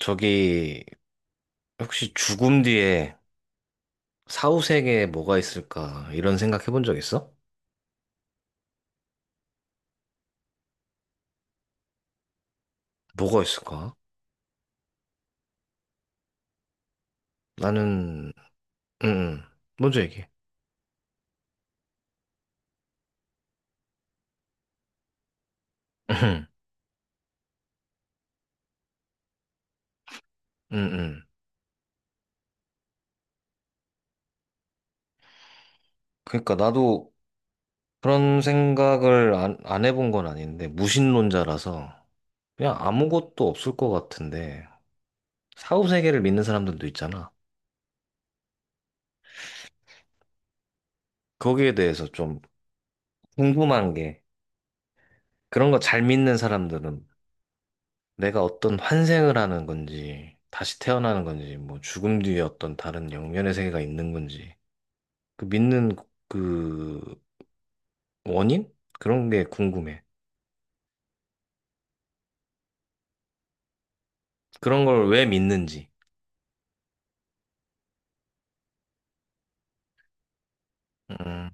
저기, 혹시 죽음 뒤에 사후세계에 뭐가 있을까? 이런 생각 해본 적 있어? 뭐가 있을까? 나는, 음 음. 먼저 얘기해. 응, 응. 응, 응. 그러니까 나도 그런 생각을 안 해본 건 아닌데, 무신론자라서 그냥 아무것도 없을 것 같은데, 사후세계를 믿는 사람들도 있잖아. 거기에 대해서 좀 궁금한 게, 그런 거 잘 믿는 사람들은 내가 어떤 환생을 하는 건지, 다시 태어나는 건지, 뭐 죽음 뒤에 어떤 다른 영면의 세계가 있는 건지, 그 믿는 그 원인? 그런 게 궁금해. 그런 걸 왜 믿는지. 음,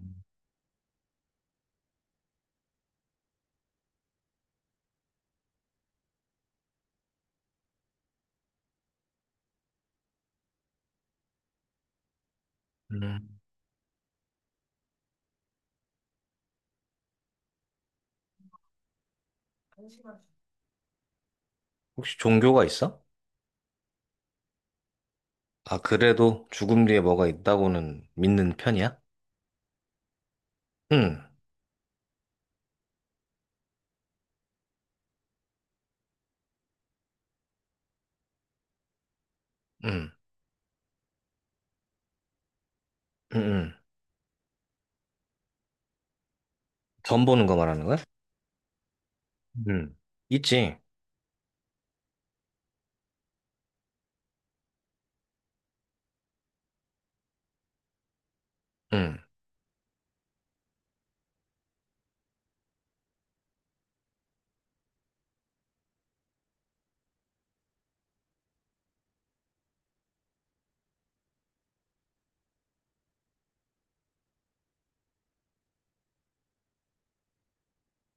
음. 혹시 종교가 있어? 아, 그래도 죽음 뒤에 뭐가 있다고는 믿는 편이야? 응, 응, 응, 응. 전 보는 거 말하는 거야? 응, 있지. 응.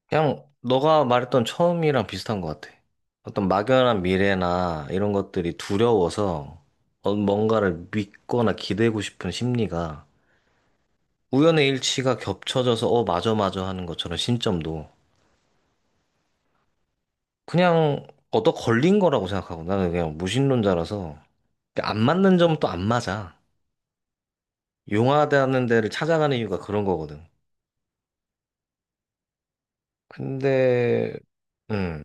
그냥 너가 말했던 처음이랑 비슷한 것 같아. 어떤 막연한 미래나 이런 것들이 두려워서 뭔가를 믿거나 기대고 싶은 심리가 우연의 일치가 겹쳐져서 맞아, 맞아 하는 것처럼 신점도 그냥 얻어 걸린 거라고 생각하고 나는 그냥 무신론자라서 안 맞는 점은 또 안 맞아. 용하다는 데를 찾아가는 이유가 그런 거거든. 근데, 음,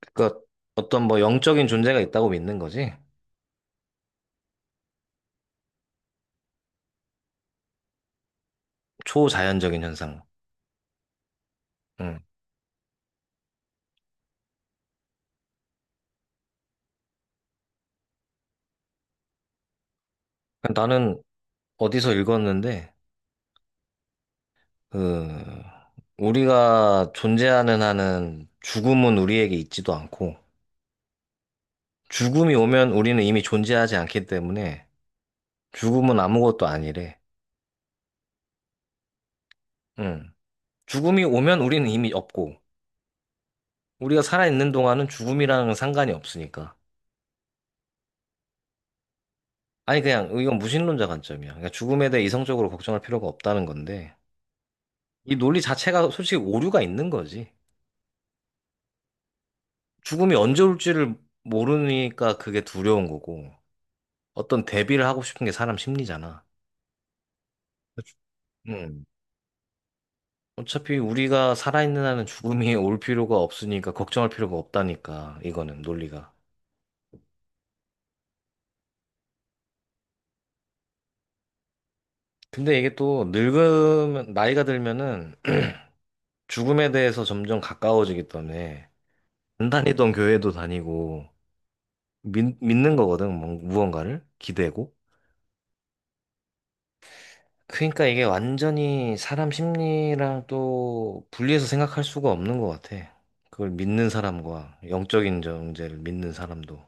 그니까 어떤 뭐 영적인 존재가 있다고 믿는 거지. 초자연적인 현상. 음. 나는 어디서 읽었는데, 그, 우리가 존재하는 한은 죽음은 우리에게 있지도 않고, 죽음이 오면 우리는 이미 존재하지 않기 때문에, 죽음은 아무것도 아니래. 응. 죽음이 오면 우리는 이미 없고, 우리가 살아있는 동안은 죽음이랑 상관이 없으니까. 아니, 그냥, 이건 무신론자 관점이야. 그러니까 죽음에 대해 이성적으로 걱정할 필요가 없다는 건데, 이 논리 자체가 솔직히 오류가 있는 거지. 죽음이 언제 올지를 모르니까 그게 두려운 거고, 어떤 대비를 하고 싶은 게 사람 심리잖아. 그치. 음. 어차피 우리가 살아있는 한은 죽음이 올 필요가 없으니까 걱정할 필요가 없다니까 이거는 논리가. 근데 이게 또 늙으면 나이가 들면은 죽음에 대해서 점점 가까워지기 때문에 안 다니던 교회도 다니고 믿는 거거든 무언가를 기대고. 그러니까 이게 완전히 사람 심리랑 또 분리해서 생각할 수가 없는 것 같아. 그걸 믿는 사람과 영적인 존재를 믿는 사람도.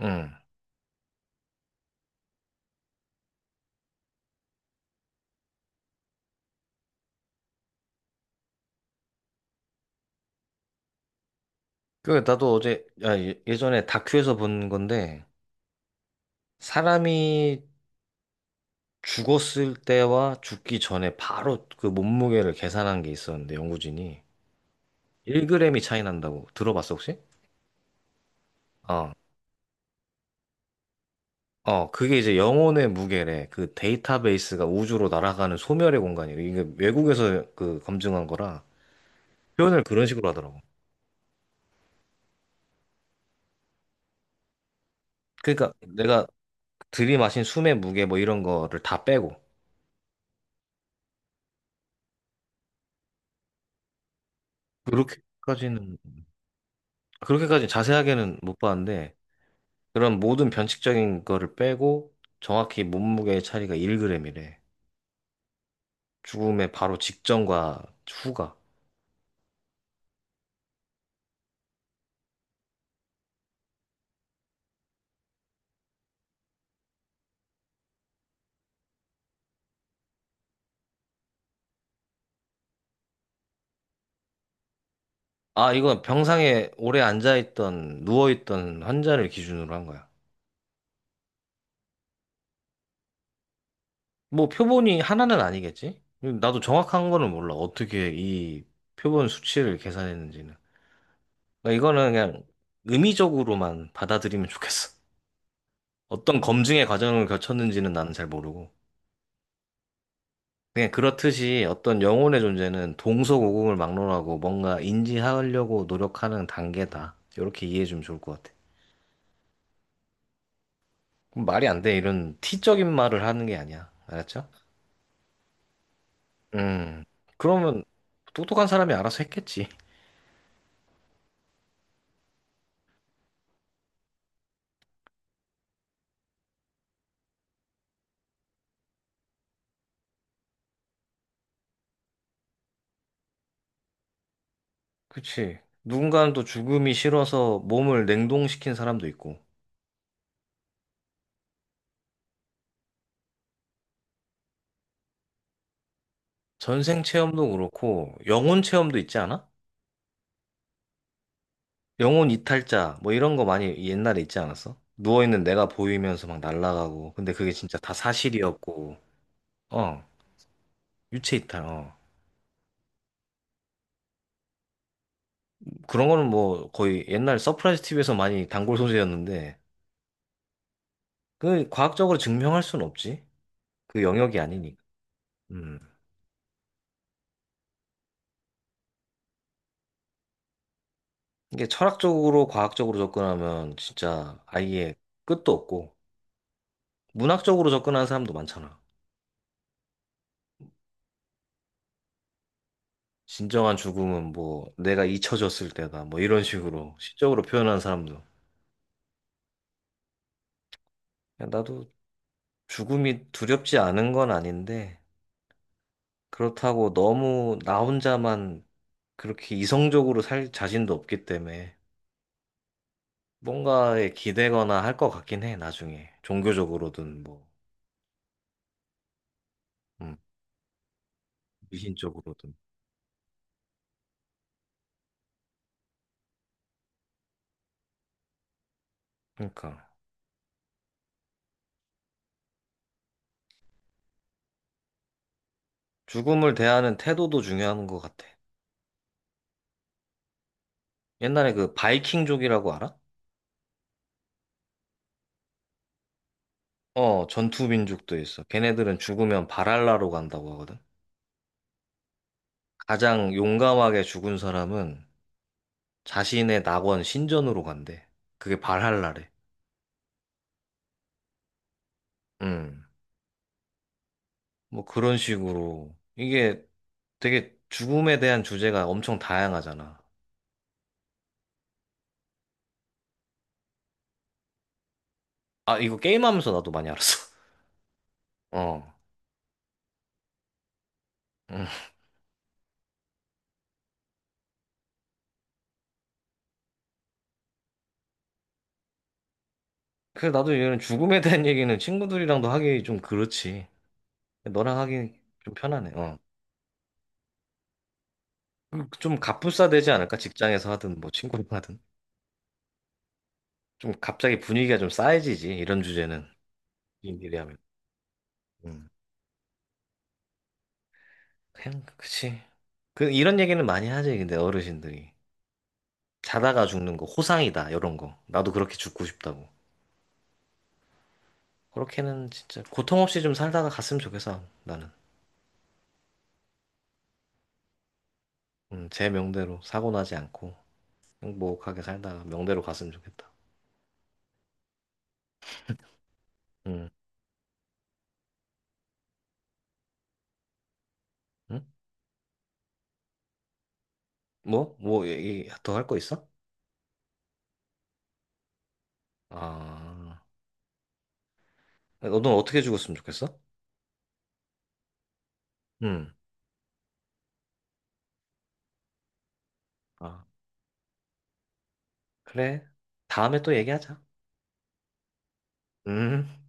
응. 그, 나도 어제, 아, 예전에 다큐에서 본 건데, 사람이 죽었을 때와 죽기 전에 바로 그 몸무게를 계산한 게 있었는데, 연구진이. 1g이 차이 난다고 들어봤어, 혹시? 어. 어, 그게 이제 영혼의 무게래. 그 데이터베이스가 우주로 날아가는 소멸의 공간이래. 이게 외국에서 그 검증한 거라 표현을 그런 식으로 하더라고. 그러니까 내가 들이마신 숨의 무게 뭐 이런 거를 다 빼고. 그렇게까지는, 그렇게까지 자세하게는 못 봤는데, 그런 모든 변칙적인 거를 빼고 정확히 몸무게의 차이가 1g이래. 죽음의 바로 직전과 후가. 아, 이건 병상에 오래 앉아있던, 누워있던 환자를 기준으로 한 거야. 뭐 표본이 하나는 아니겠지? 나도 정확한 거는 몰라. 어떻게 이 표본 수치를 계산했는지는. 그러니까 이거는 그냥 의미적으로만 받아들이면 좋겠어. 어떤 검증의 과정을 거쳤는지는 나는 잘 모르고. 그냥 그렇듯이 어떤 영혼의 존재는 동서고금을 막론하고 뭔가 인지하려고 노력하는 단계다. 이렇게 이해해 주면 좋을 것 같아. 그럼 말이 안 돼. 이런 티적인 말을 하는 게 아니야. 알았죠? 음. 그러면 똑똑한 사람이 알아서 했겠지. 그치. 누군가는 또 죽음이 싫어서 몸을 냉동시킨 사람도 있고, 전생 체험도 그렇고, 영혼 체험도 있지 않아? 영혼 이탈자, 뭐 이런 거 많이 옛날에 있지 않았어? 누워있는 내가 보이면서 막 날아가고, 근데 그게 진짜 다 사실이었고, 어, 유체 이탈, 어. 그런 거는 뭐 거의 옛날 서프라이즈 TV에서 많이 단골 소재였는데, 그 과학적으로 증명할 수는 없지. 그 영역이 아니니까. 음. 이게 철학적으로, 과학적으로 접근하면 진짜 아예 끝도 없고, 문학적으로 접근하는 사람도 많잖아. 진정한 죽음은 뭐 내가 잊혀졌을 때다. 뭐 이런 식으로 시적으로 표현하는 사람도. 야, 나도 죽음이 두렵지 않은 건 아닌데, 그렇다고 너무 나 혼자만 그렇게 이성적으로 살 자신도 없기 때문에 뭔가에 기대거나 할 것 같긴 해, 나중에. 종교적으로든 뭐, 음, 미신적으로든. 그러니까 죽음을 대하는 태도도 중요한 것 같아. 옛날에 그 바이킹족이라고 알아? 어, 전투민족도 있어. 걔네들은 죽으면 발할라로 간다고 하거든. 가장 용감하게 죽은 사람은 자신의 낙원 신전으로 간대. 그게 발할라래. 음. 뭐 그런 식으로. 이게 되게 죽음에 대한 주제가 엄청 다양하잖아. 아, 이거 게임하면서 나도 많이 알았어. 어. 음. 그래서 나도 이런 죽음에 대한 얘기는 친구들이랑도 하기 좀 그렇지. 너랑 하기 좀 편하네. 어. 좀 갑분싸 되지 않을까? 직장에서 하든 뭐 친구랑 하든. 좀 갑자기 분위기가 좀 싸해지지. 이런 주제는. 일이 하면. 음. 그냥 그치. 그 이런 얘기는 많이 하지. 근데 어르신들이 자다가 죽는 거 호상이다. 이런 거. 나도 그렇게 죽고 싶다고. 그렇게는 진짜 고통 없이 좀 살다가 갔으면 좋겠어, 나는. 제 명대로 사고 나지 않고 행복하게 살다가 명대로 갔으면 좋겠다. 음, 응? 뭐? 뭐, 얘기 더 할 거 있어? 아, 너는 어떻게 죽었으면 좋겠어? 음, 아, 그래. 다음에 또 얘기하자. 음.